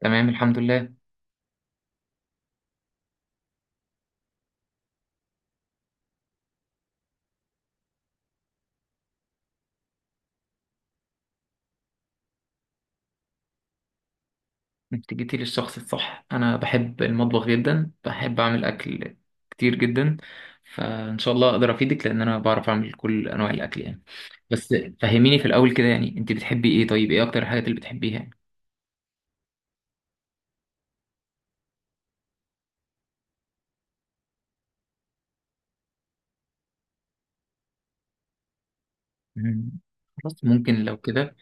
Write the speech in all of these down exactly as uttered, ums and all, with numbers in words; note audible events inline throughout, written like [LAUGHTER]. تمام الحمد لله. انت جيتي للشخص الصح. انا بحب المطبخ جدا، بحب اعمل اكل كتير جدا. فان شاء الله اقدر افيدك لان انا بعرف اعمل كل انواع الاكل يعني. بس فهميني في الاول كده، يعني انت بتحبي ايه؟ طيب ايه اكتر الحاجات اللي بتحبيها يعني؟ مم. خلاص، ممكن لو كده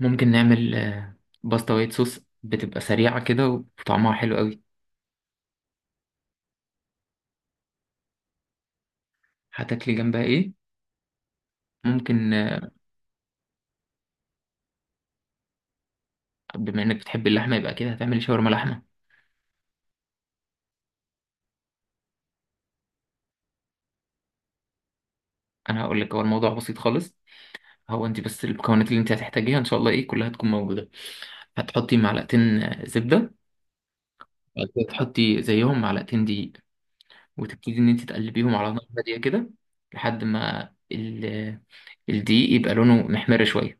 ممكن نعمل آه، باستا وايت صوص، بتبقى سريعة كده وطعمها حلو قوي. هتاكلي جنبها ايه؟ ممكن آه، بما انك بتحبي اللحمة يبقى كده هتعملي شاورما لحمة. انا هقول لك، هو الموضوع بسيط خالص. هو انت بس المكونات اللي انت هتحتاجيها ان شاء الله ايه كلها تكون موجوده. هتحطي معلقتين آه، زبده. بعد كده تحطي زيهم معلقتين دقيق، وتبتدي ان انت تقلبيهم على نار هاديه كده لحد ما ال- الدقيق يبقى لونه محمر شويه.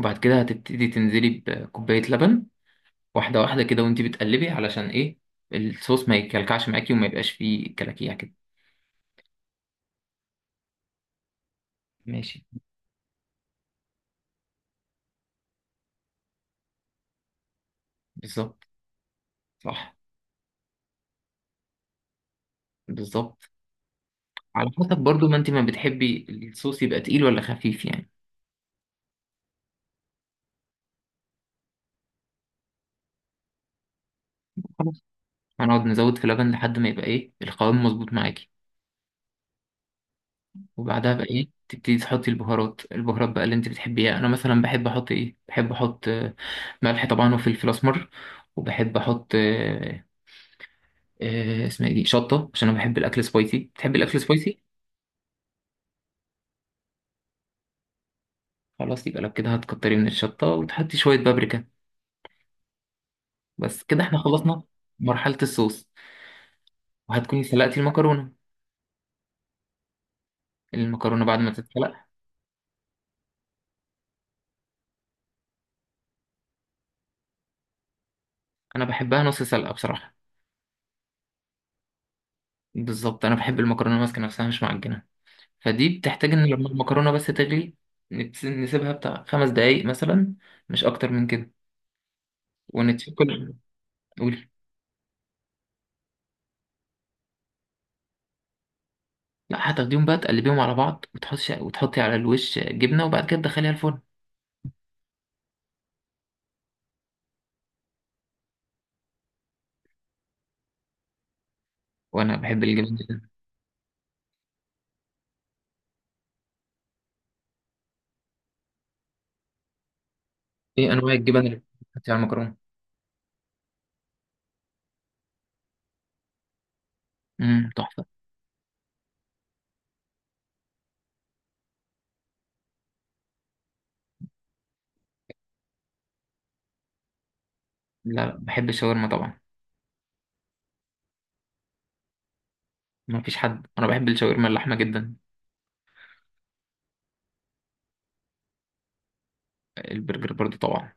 وبعد كده هتبتدي تنزلي بكوبايه لبن، واحده واحده كده وانت بتقلبي، علشان ايه؟ الصوص ما يكلكعش معاكي وما يبقاش فيه كلاكيع كده. ماشي، بالظبط، صح، بالظبط. على حسب برضو ما انت ما بتحبي، الصوص يبقى تقيل ولا خفيف يعني. هنقعد نزود في لبن لحد ما يبقى ايه القوام مظبوط معاكي. وبعدها بقى ايه، تبتدي تحطي البهارات، البهارات بقى اللي انت بتحبيها، انا مثلا بحب احط ايه، بحب احط آه، ملح طبعا وفلفل اسمر، وبحب احط آه، آه، اسمها ايه دي، شطه، عشان انا بحب الاكل سبايسي. بتحبي الاكل سبايسي؟ خلاص، يبقى لو كده هتكتري من الشطه وتحطي شويه بابريكا. بس كده احنا خلصنا مرحله الصوص، وهتكوني سلقتي المكرونه. المكرونه بعد ما تتسلق، انا بحبها نص سلقه بصراحه. بالظبط، انا بحب المكرونه ماسكه نفسها مش معجنه. فدي بتحتاج ان لما المكرونه بس تغلي نتس- نسيبها بتاع خمس دقايق مثلا، مش اكتر من كده. ونتسيب كل، قولي. لا، هتاخديهم بقى تقلبيهم على بعض وتحطي وتحطي على الوش جبنه وبعد كده تدخليها الفرن. وانا بحب الجبن جدا. ايه انواع الجبن اللي بتحطي على المكرونه؟ امم تحفه. لا لا، بحب الشاورما طبعا. ما فيش حد، انا بحب الشاورما اللحمه جدا. البرجر برضو طبعا.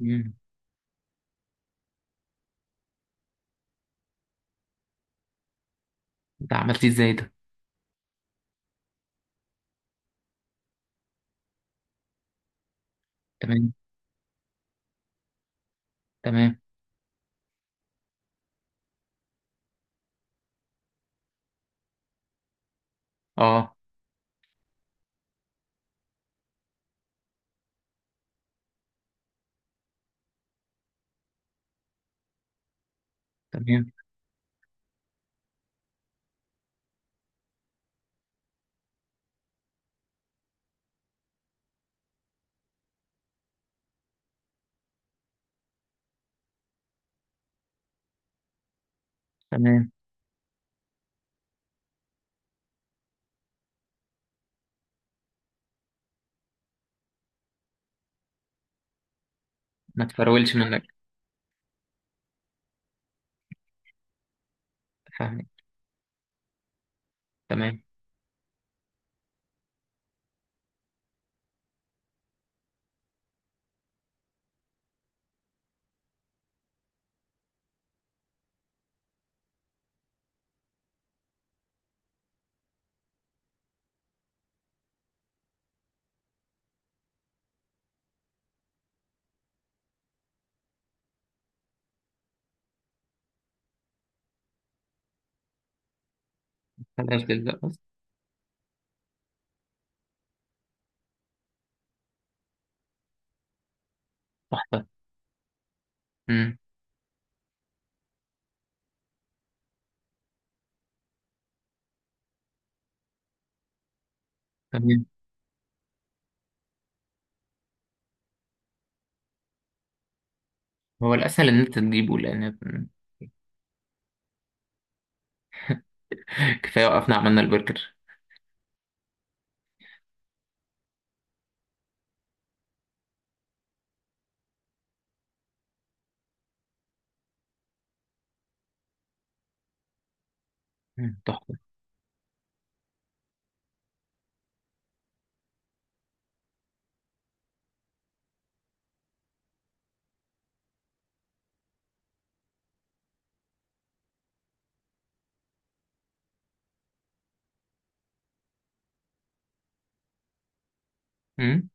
امم ده عملتيه ازاي ده؟ تمام. تمام. اه. تمام. تمام. ما تفرولش منك. فاهمك. تمام. خلاص. تحفة. مم. تمام. هو الأسهل إن أنت تجيبه لأن. [LAUGHS] كفاية وقفنا عملنا البرجر. مم. تحفة. مم.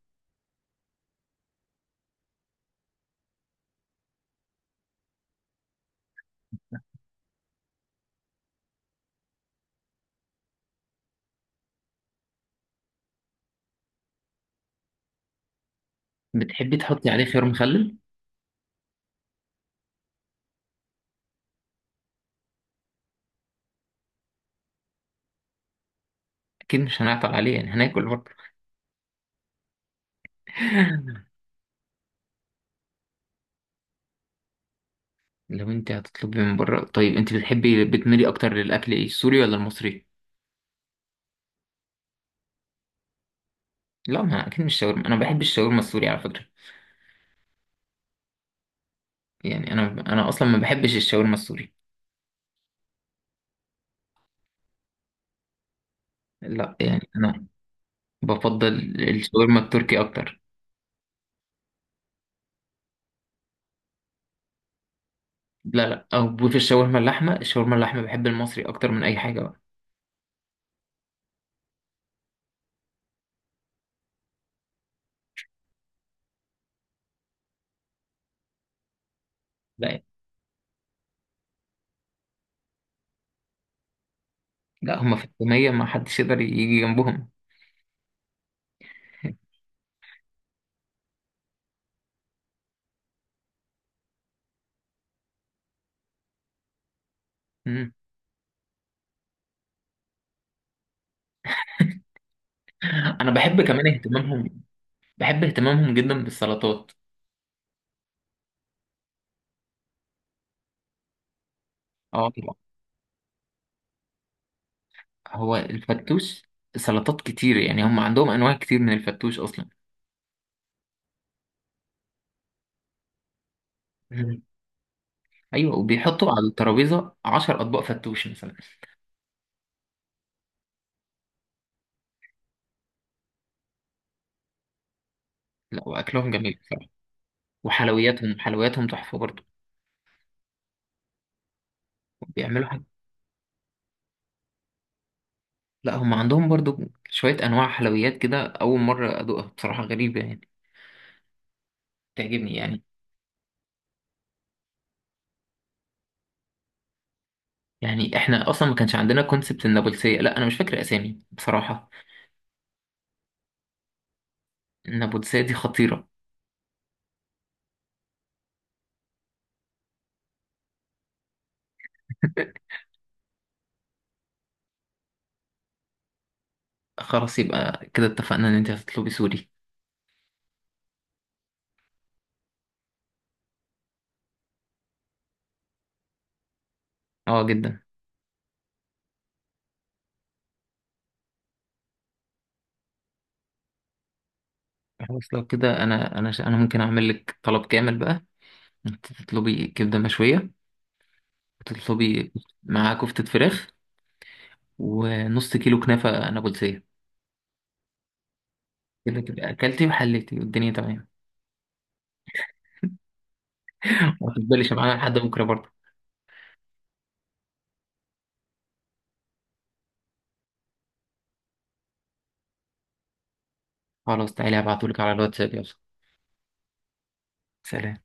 بتحبي تحطي عليه خيار مخلل؟ أكيد مش هنعطل عليه يعني، هناكل برضه. [LAUGHS] لو أنت هتطلبي من بره، طيب أنت بتحبي بتميلي أكتر للأكل إيه، السوري ولا المصري؟ لا، ما أكيد مش شاورما، أنا ما بحبش الشاورما السوري على فكرة. يعني أنا أنا أصلا ما بحبش الشاورما السوري. لا يعني أنا بفضل الشاورما التركي أكتر. لا لا، أو في الشاورما اللحمة، الشاورما اللحمة بحب المصري أكتر من أي حاجة بقى. لا. لا، هم في التومية ما حدش يقدر يجي جنبهم. مم. انا بحب كمان اهتمامهم، بحب اهتمامهم جدا بالسلطات. اه طبعا. هو الفتوش سلطات كتير يعني، هم عندهم انواع كتير من الفتوش اصلا. مم. ايوه، وبيحطوا على الترابيزه عشر أطباق اطباق فتوش مثلا. لا، واكلهم جميل بصراحه، وحلوياتهم، حلوياتهم تحفه برضو. بيعملوا حاجه. لا هم عندهم برضو شويه انواع حلويات كده، اول مره ادوقها بصراحه، غريبه يعني، تعجبني يعني. يعني احنا اصلا ما كانش عندنا كونسبت النابلسية، لا انا مش فاكر اسامي بصراحة. النابلسية دي خطيرة. [LAUGHS] خلاص، يبقى كده اتفقنا ان انت هتطلبي سوري. اه جدا. خلاص لو كده، انا انا ش- انا ممكن اعمل لك طلب كامل بقى. انت تطلبي كبدة مشوية، وتطلبي مع كفتة فراخ ونص كيلو كنافة نابلسية. كده تبقى اكلتي وحليتي والدنيا تمام. ما تفضليش معانا لحد بكرة برضه. خلاص، تعالي هبعتهولك على الواتساب، يلا. سلام.